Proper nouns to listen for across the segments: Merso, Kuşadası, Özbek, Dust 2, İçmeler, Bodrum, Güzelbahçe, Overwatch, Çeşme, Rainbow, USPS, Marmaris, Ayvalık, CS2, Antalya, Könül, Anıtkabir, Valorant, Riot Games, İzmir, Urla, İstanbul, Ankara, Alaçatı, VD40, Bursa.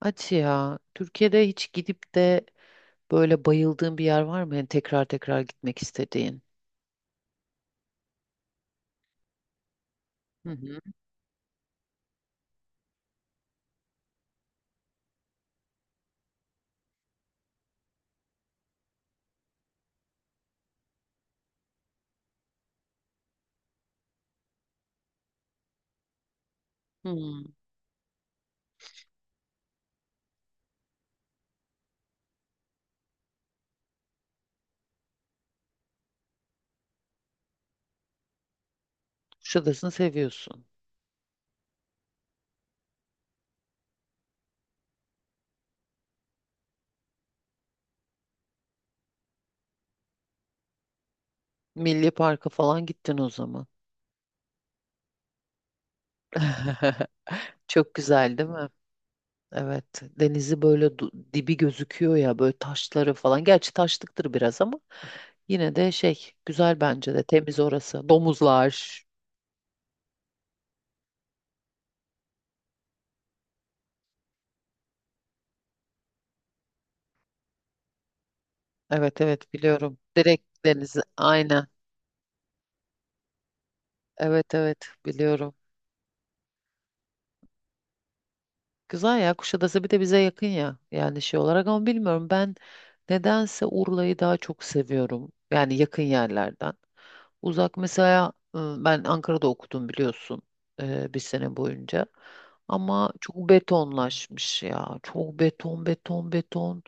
Hadi ya. Türkiye'de hiç gidip de böyle bayıldığın bir yer var mı? Yani tekrar tekrar gitmek istediğin. Hı hı. Hmm. Kuşadası'nı seviyorsun. Milli Park'a falan gittin o zaman. Çok güzel değil mi? Evet. Denizi böyle dibi gözüküyor ya böyle taşları falan. Gerçi taşlıktır biraz ama yine de şey güzel bence de temiz orası. Domuzlar. Evet, evet, biliyorum. Direkt denizi. Aynen. Evet, evet, biliyorum. Güzel ya Kuşadası bir de bize yakın ya yani şey olarak ama bilmiyorum ben nedense Urla'yı daha çok seviyorum yani yakın yerlerden. Uzak mesela ben Ankara'da okudum biliyorsun, bir sene boyunca ama çok betonlaşmış ya çok beton beton beton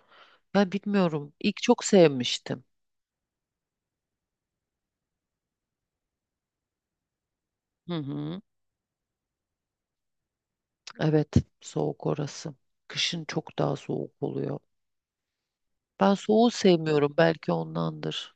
ya bilmiyorum ilk çok sevmiştim. Hı hı. Evet, soğuk orası, kışın çok daha soğuk oluyor, ben soğuğu sevmiyorum belki ondandır.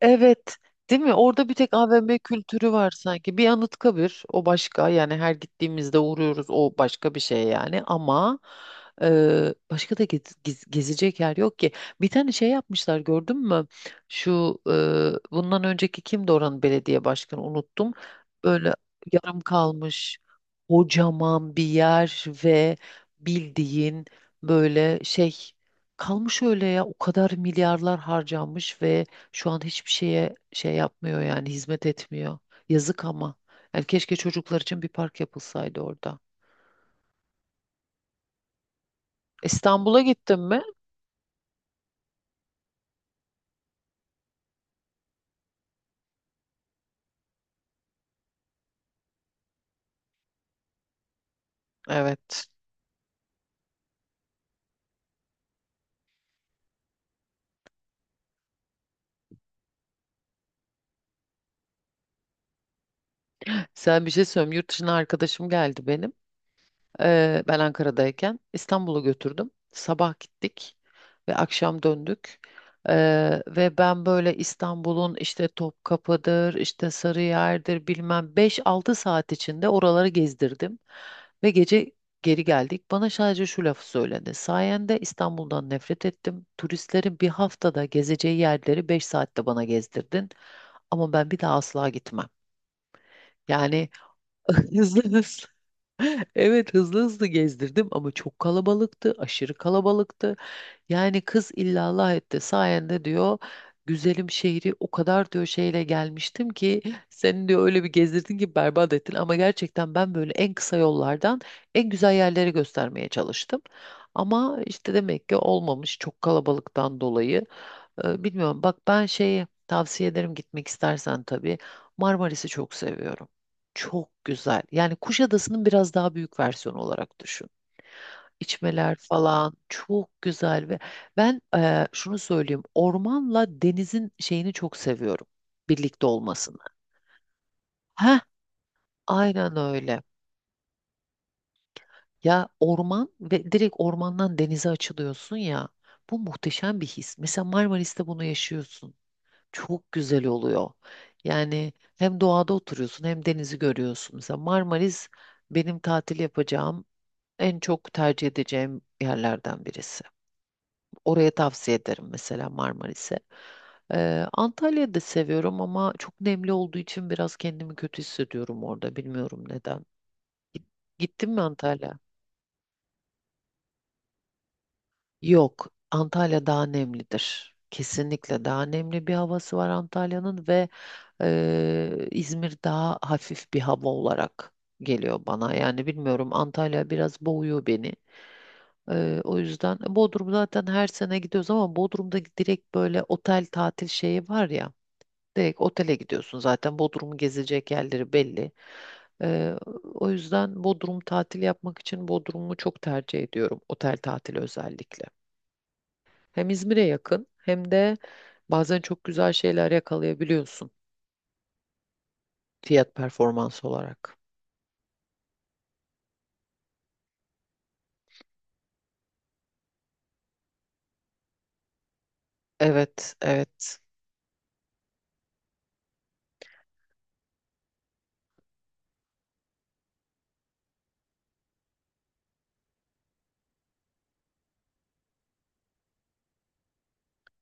Evet, değil mi? Orada bir tek AVM kültürü var sanki. Bir Anıtkabir, o başka yani her gittiğimizde uğruyoruz o başka bir şey yani ama başka da gezecek yer yok ki. Bir tane şey yapmışlar gördün mü? Şu bundan önceki kimdi oranın belediye başkanı unuttum. Böyle yarım kalmış kocaman bir yer ve bildiğin böyle şey kalmış öyle ya, o kadar milyarlar harcanmış ve şu an hiçbir şeye şey yapmıyor yani hizmet etmiyor. Yazık ama. Yani keşke çocuklar için bir park yapılsaydı orada. İstanbul'a gittin mi? Evet. Sen bir şey söyleyeyim. Yurt dışına arkadaşım geldi benim. Ben Ankara'dayken İstanbul'a götürdüm. Sabah gittik ve akşam döndük. Ve ben böyle İstanbul'un işte Topkapı'dır, işte Sarıyer'dir bilmem beş altı saat içinde oraları gezdirdim. Ve gece geri geldik. Bana sadece şu lafı söyledi. Sayende İstanbul'dan nefret ettim. Turistlerin bir haftada gezeceği yerleri 5 saatte bana gezdirdin. Ama ben bir daha asla gitmem. Yani hızlı hızlı evet, hızlı hızlı gezdirdim ama çok kalabalıktı, aşırı kalabalıktı. Yani kız illallah etti sayende diyor, güzelim şehri o kadar diyor şeyle gelmiştim ki seni diyor öyle bir gezdirdin ki berbat ettin, ama gerçekten ben böyle en kısa yollardan en güzel yerleri göstermeye çalıştım. Ama işte demek ki olmamış çok kalabalıktan dolayı. Bilmiyorum. Bak ben şeyi tavsiye ederim gitmek istersen tabii. Marmaris'i çok seviyorum. Çok güzel. Yani Kuşadası'nın biraz daha büyük versiyonu olarak düşün. İçmeler falan çok güzel ve ben, şunu söyleyeyim. Ormanla denizin şeyini çok seviyorum. Birlikte olmasını. Heh, aynen öyle. Ya orman ve direkt ormandan denize açılıyorsun ya. Bu muhteşem bir his. Mesela Marmaris'te bunu yaşıyorsun. Çok güzel oluyor. Yani hem doğada oturuyorsun hem denizi görüyorsun. Mesela Marmaris benim tatil yapacağım en çok tercih edeceğim yerlerden birisi. Oraya tavsiye ederim mesela Marmaris'e. Antalya'yı da seviyorum ama çok nemli olduğu için biraz kendimi kötü hissediyorum orada. Bilmiyorum neden. Git- Gittin mi Antalya? Yok, Antalya daha nemlidir. Kesinlikle daha nemli bir havası var Antalya'nın ve İzmir daha hafif bir hava olarak geliyor bana. Yani bilmiyorum Antalya biraz boğuyor beni. O yüzden Bodrum zaten her sene gidiyoruz ama Bodrum'da direkt böyle otel tatil şeyi var ya. Direkt otele gidiyorsun, zaten Bodrum'u gezecek yerleri belli. Eee, O yüzden Bodrum tatil yapmak için Bodrum'u çok tercih ediyorum otel tatili özellikle. Hem İzmir'e yakın hem de bazen çok güzel şeyler yakalayabiliyorsun fiyat performans olarak. Evet, evet.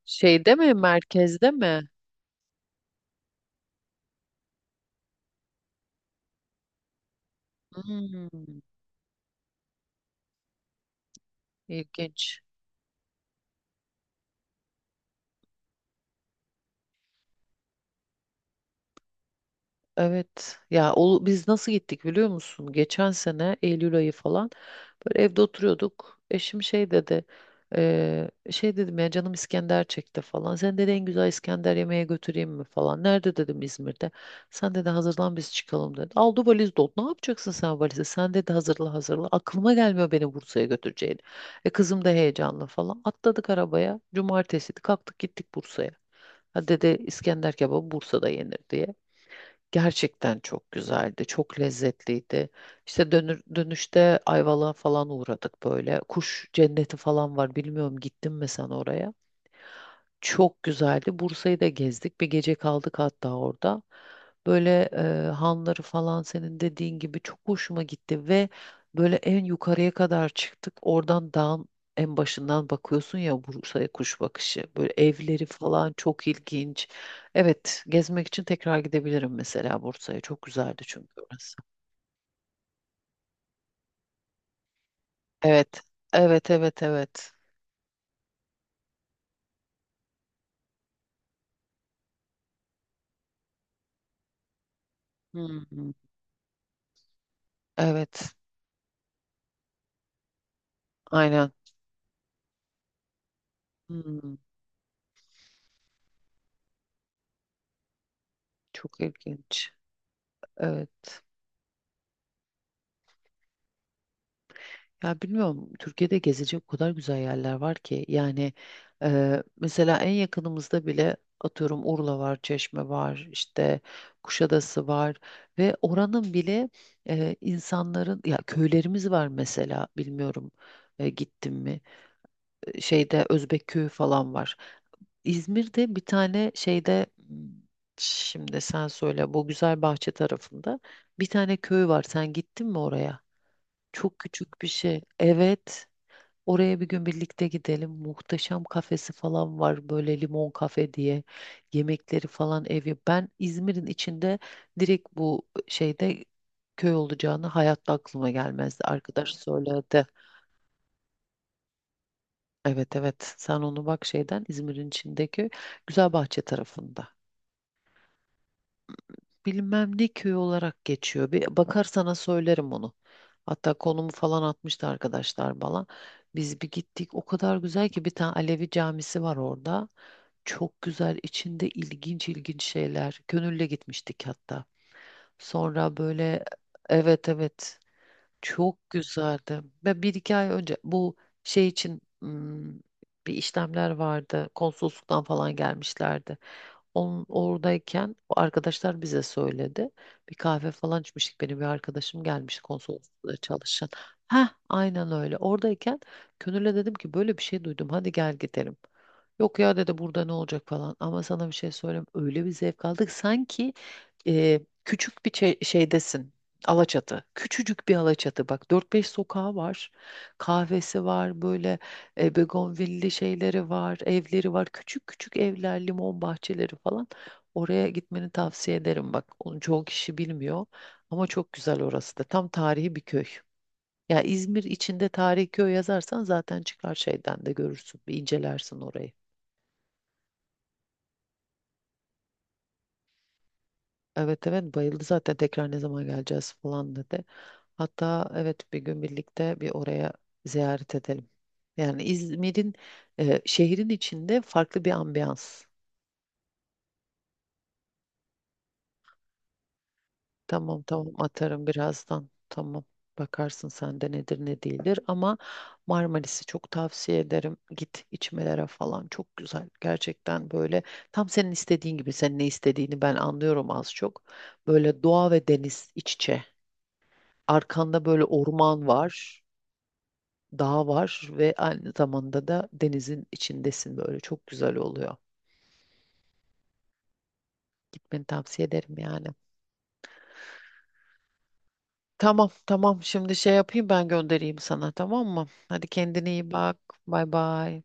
Şeyde mi, merkezde mi? Hmm, ilginç. Evet ya, o, biz nasıl gittik biliyor musun? Geçen sene Eylül ayı falan böyle evde oturuyorduk. Eşim şey dedi, şey dedim ya canım İskender çekti falan. Sen dedi en güzel İskender yemeğe götüreyim mi falan. Nerede dedim, İzmir'de. Sen dedi hazırlan biz çıkalım dedi. Aldı valiz dolu. Ne yapacaksın sen valizi? Sen dedi hazırla hazırla. Aklıma gelmiyor beni Bursa'ya götüreceğini. E kızım da heyecanlı falan. Atladık arabaya. Cumartesiydi, kalktık gittik Bursa'ya. Ha, dedi, İskender kebabı Bursa'da yenir diye. Gerçekten çok güzeldi, çok lezzetliydi. İşte dönüşte Ayvalık'a falan uğradık böyle. Kuş cenneti falan var. Bilmiyorum gittin mi sen oraya? Çok güzeldi. Bursa'yı da gezdik. Bir gece kaldık hatta orada. Böyle hanları falan senin dediğin gibi çok hoşuma gitti ve böyle en yukarıya kadar çıktık. Oradan dağın en başından bakıyorsun ya Bursa'ya kuş bakışı. Böyle evleri falan çok ilginç. Evet, gezmek için tekrar gidebilirim mesela Bursa'ya. Çok güzeldi çünkü orası. Evet. Evet, evet, evet. Hmm, evet, aynen. Hmm, çok ilginç. Evet. Ya bilmiyorum Türkiye'de gezecek o kadar güzel yerler var ki yani, mesela en yakınımızda bile atıyorum, Urla var, Çeşme var, işte Kuşadası var ve oranın bile insanların ya köylerimiz var mesela, bilmiyorum, gittim mi? Şeyde Özbek köyü falan var. İzmir'de bir tane şeyde şimdi sen söyle bu güzel bahçe tarafında bir tane köy var, sen gittin mi oraya? Çok küçük bir şey, evet. Oraya bir gün birlikte gidelim. Muhteşem kafesi falan var böyle, limon kafe diye. Yemekleri falan evi. Ben İzmir'in içinde direkt bu şeyde köy olacağını hayatta aklıma gelmezdi. Arkadaş söyledi. Evet, evet, sen onu bak şeyden İzmir'in içindeki Güzelbahçe tarafında. Bilmem ne köyü olarak geçiyor. Bir bakar sana söylerim onu. Hatta konumu falan atmıştı arkadaşlar bana. Biz bir gittik. O kadar güzel ki, bir tane Alevi camisi var orada. Çok güzel, içinde ilginç ilginç şeyler. Gönülle gitmiştik hatta. Sonra böyle evet, evet, çok güzeldi. Ve bir iki ay önce bu şey için, bir işlemler vardı. Konsolosluktan falan gelmişlerdi. Oradayken o arkadaşlar bize söyledi. Bir kahve falan içmiştik. Benim bir arkadaşım gelmiş konsolosluğunda çalışan. Ha, aynen öyle. Oradayken Könül'e dedim ki böyle bir şey duydum, hadi gel gidelim. Yok ya, dedi, burada ne olacak falan. Ama sana bir şey söyleyeyim. Öyle bir zevk aldık. Sanki küçük bir şeydesin. Alaçatı. Küçücük bir Alaçatı. Bak, dört beş sokağı var. Kahvesi var böyle, begonvilli şeyleri var, evleri var. Küçük küçük evler, limon bahçeleri falan. Oraya gitmeni tavsiye ederim. Bak, onu çoğu kişi bilmiyor ama çok güzel orası da. Tam tarihi bir köy. Ya İzmir içinde tarihi köy yazarsan zaten çıkar şeyden de, görürsün. Bir incelersin orayı. Evet, evet, bayıldı zaten, tekrar ne zaman geleceğiz falan dedi. Hatta evet, bir gün birlikte bir oraya ziyaret edelim. Yani İzmir'in şehrin içinde farklı bir ambiyans. Tamam, tamam, atarım birazdan. Tamam. Bakarsın sende nedir ne değildir, ama Marmaris'i çok tavsiye ederim. Git içmelere falan, çok güzel. Gerçekten böyle tam senin istediğin gibi, senin ne istediğini ben anlıyorum az çok. Böyle doğa ve deniz iç içe. Arkanda böyle orman var, dağ var ve aynı zamanda da denizin içindesin, böyle çok güzel oluyor. Gitmeni tavsiye ederim yani. Tamam, tamam, şimdi şey yapayım ben, göndereyim sana, tamam mı? Hadi kendine iyi bak. Bay bay.